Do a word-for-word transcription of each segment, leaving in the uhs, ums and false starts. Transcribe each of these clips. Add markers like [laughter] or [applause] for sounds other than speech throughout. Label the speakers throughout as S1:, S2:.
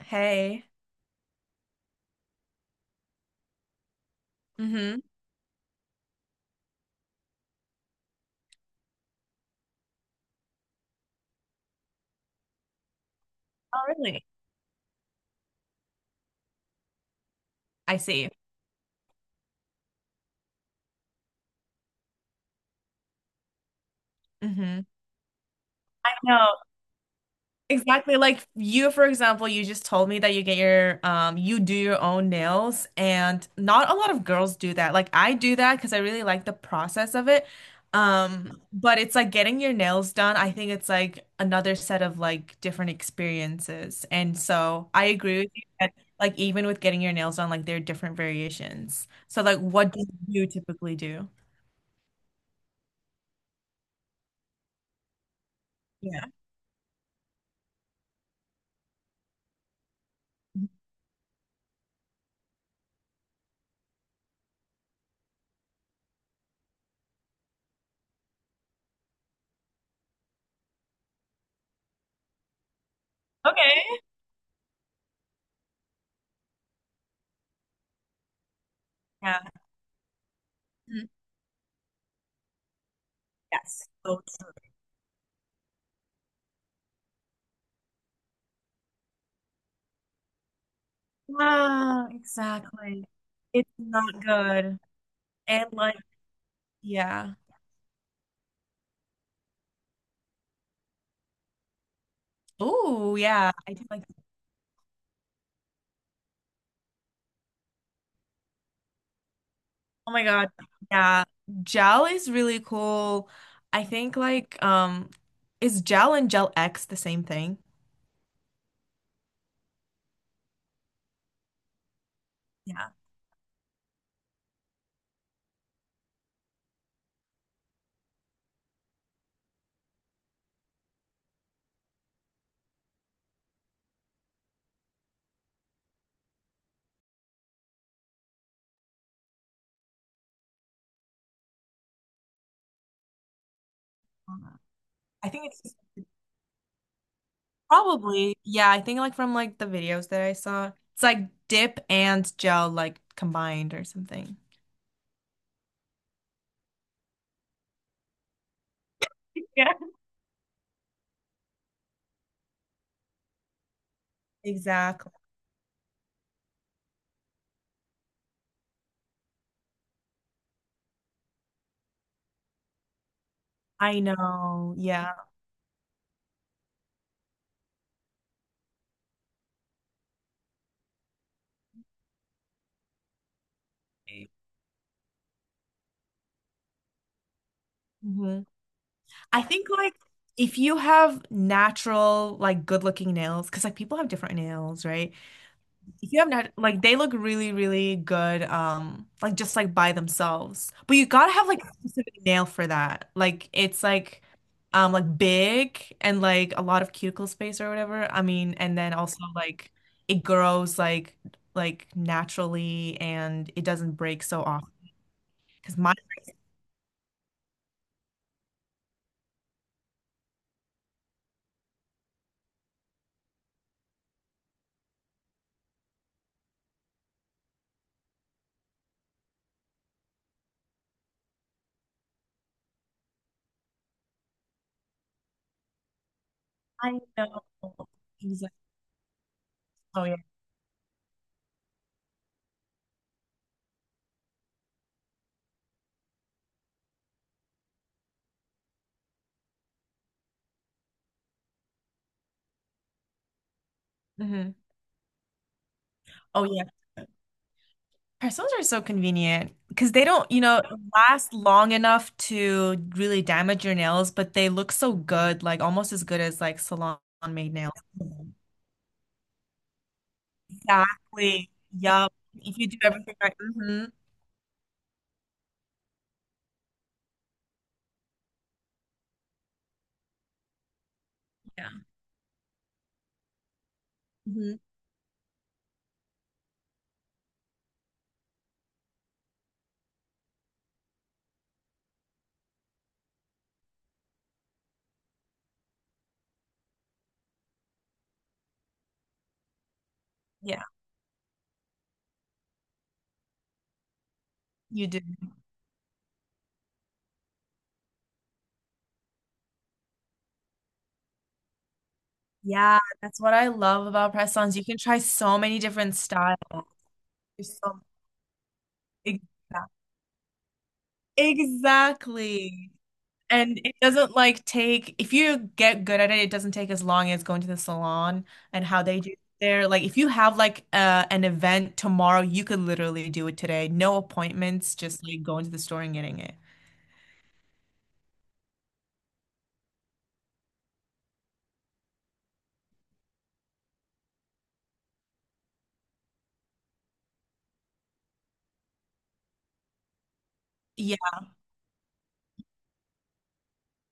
S1: Hey. Mm-hmm. Oh, really? I see. Mm-hmm. No, exactly. Like you, for example, you just told me that you get your um you do your own nails, and not a lot of girls do that. Like, I do that because I really like the process of it. Um, but it's like getting your nails done, I think it's like another set of like different experiences. And so I agree with you that like, even with getting your nails done, like there are different variations. So like, what do you typically do? Yeah. Okay. Yeah. Yes. So true. Ah, exactly. It's not good. And like, yeah. Oh, yeah. I do like, oh my God. Yeah. Gel is really cool. I think like, um, is gel and gel X the same thing? Yeah. I don't know. I think it's probably, yeah, I think like from like the videos that I saw, it's like dip and gel like combined or something. Yeah. Exactly. I know. Yeah. Mhm. I think like, if you have natural, like good looking nails, because like people have different nails, right? If you have nat like they look really, really good, um, like just like by themselves. But you gotta have like a specific nail for that. Like it's like um like big and like a lot of cuticle space or whatever. I mean, and then also like it grows like like naturally and it doesn't break so often. Because mine, I know. Exactly. Oh yeah. Hmm. Oh yeah. Parcels are so convenient because they don't, you know, last long enough to really damage your nails, but they look so good, like almost as good as like salon made nails. Mhm. Exactly. Yup. If you do everything right. Hmm. Yeah. Hmm. Yeah, you do. Yeah, that's what I love about press-ons. You can try so many different styles. There's so Exac- Exactly. And it doesn't like take, if you get good at it, it doesn't take as long as going to the salon and how they do there. Like if you have like uh, an event tomorrow, you could literally do it today. No appointments, just like going to the store and getting it. Yeah,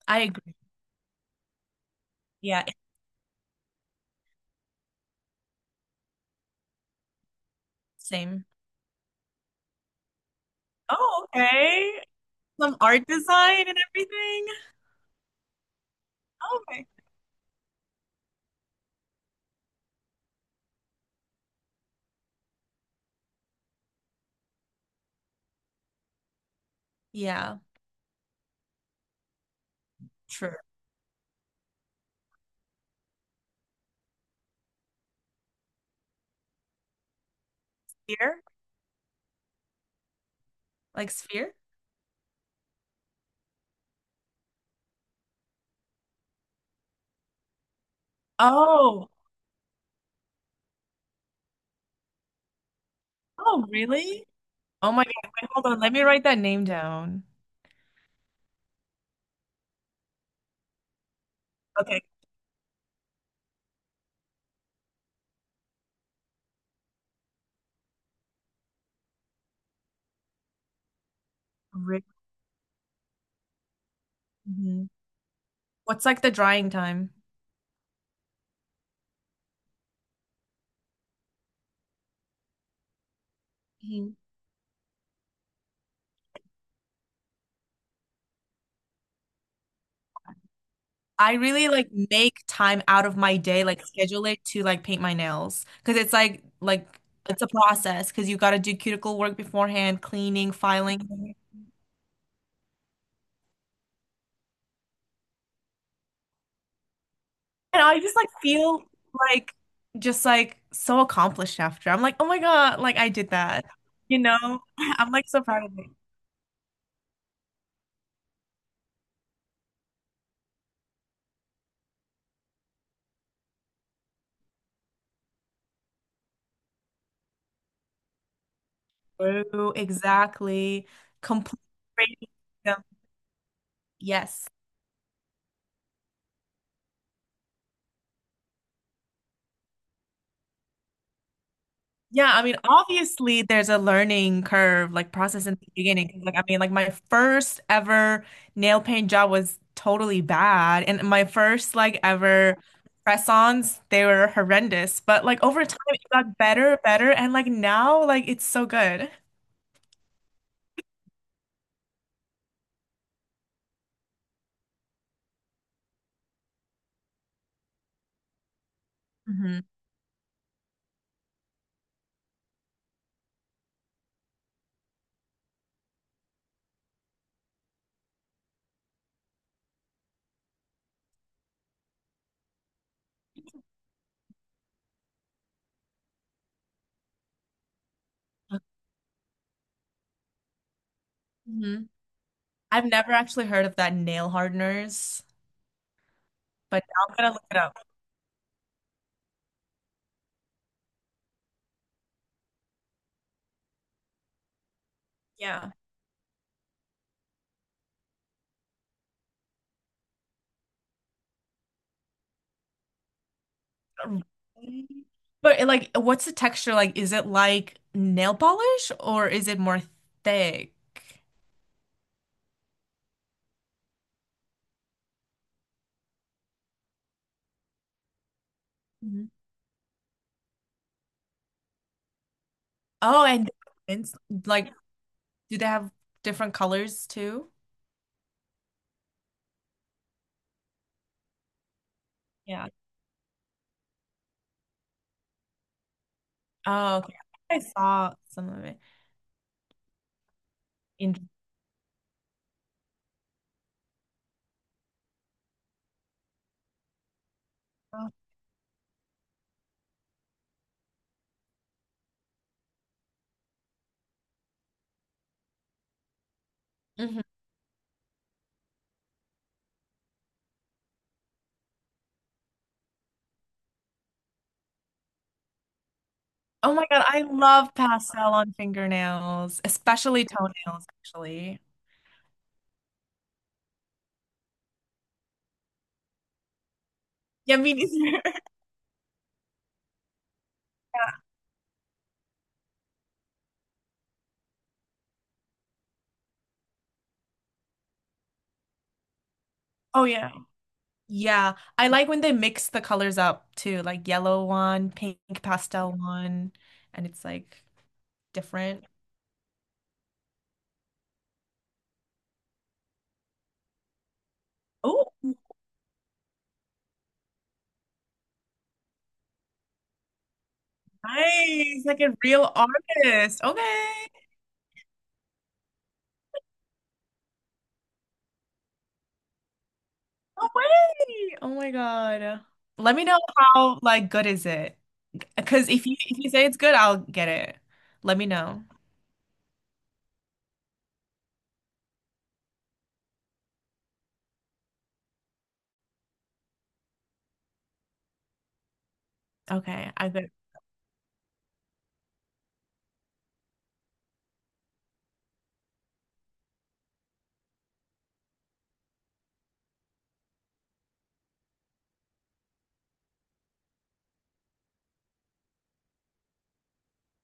S1: I agree. Yeah, it's the same. Oh, okay. Some art design and everything. Okay. Yeah, true. Here? Like Sphere? Oh, oh, really? Oh my God. Wait, hold on. Let me write that name down. Okay. Ri- Mhm. What's like the drying time? Mhm. I really like make time out of my day, like schedule it to like paint my nails because it's like like it's a process because you got to do cuticle work beforehand, cleaning, filing. And I just like feel like just like so accomplished after. I'm like, oh my God, like I did that. You know, [laughs] I'm like so proud of me. True, exactly. Complete freedom. Yes. Yeah, I mean, obviously there's a learning curve, like process in the beginning. 'Cause, like, I mean, like my first ever nail paint job was totally bad. And my first like ever press-ons, they were horrendous. But like over time it got better, better, and like now, like it's so good. Hmm. Hmm. I've never actually heard of that nail hardeners, but now I'm gonna look it up. Yeah. Really? But like, what's the texture like? Is it like nail polish or is it more thick? Mhm. Oh, and it's, like, do they have different colors too? Yeah. Oh, okay. I saw some of it in. Oh, mhm. Oh my God, I love pastel on fingernails, especially toenails, actually. Yeah, me neither. [laughs] Oh yeah. Yeah, I like when they mix the colors up too, like yellow one, pink pastel one, and it's like different. Oh, nice. Like a real artist. Okay. No way. Oh my God. Let me know how like good is it. Because if you if you say it's good, I'll get it. Let me know. Okay, I got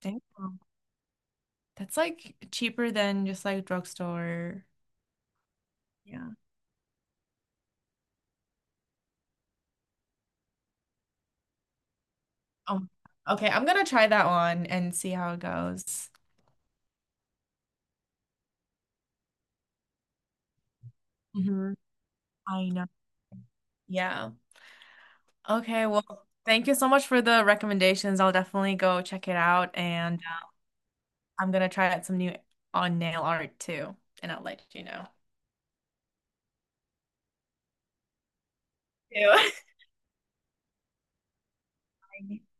S1: Damn. That's like cheaper than just like drugstore. Yeah. Um, okay, I'm gonna try that one and see how it goes. Mhm. I know. Yeah. Okay. Well, thank you so much for the recommendations. I'll definitely go check it out, and uh, I'm gonna try out some new on nail art too, and I'll let you know. Ew. [laughs]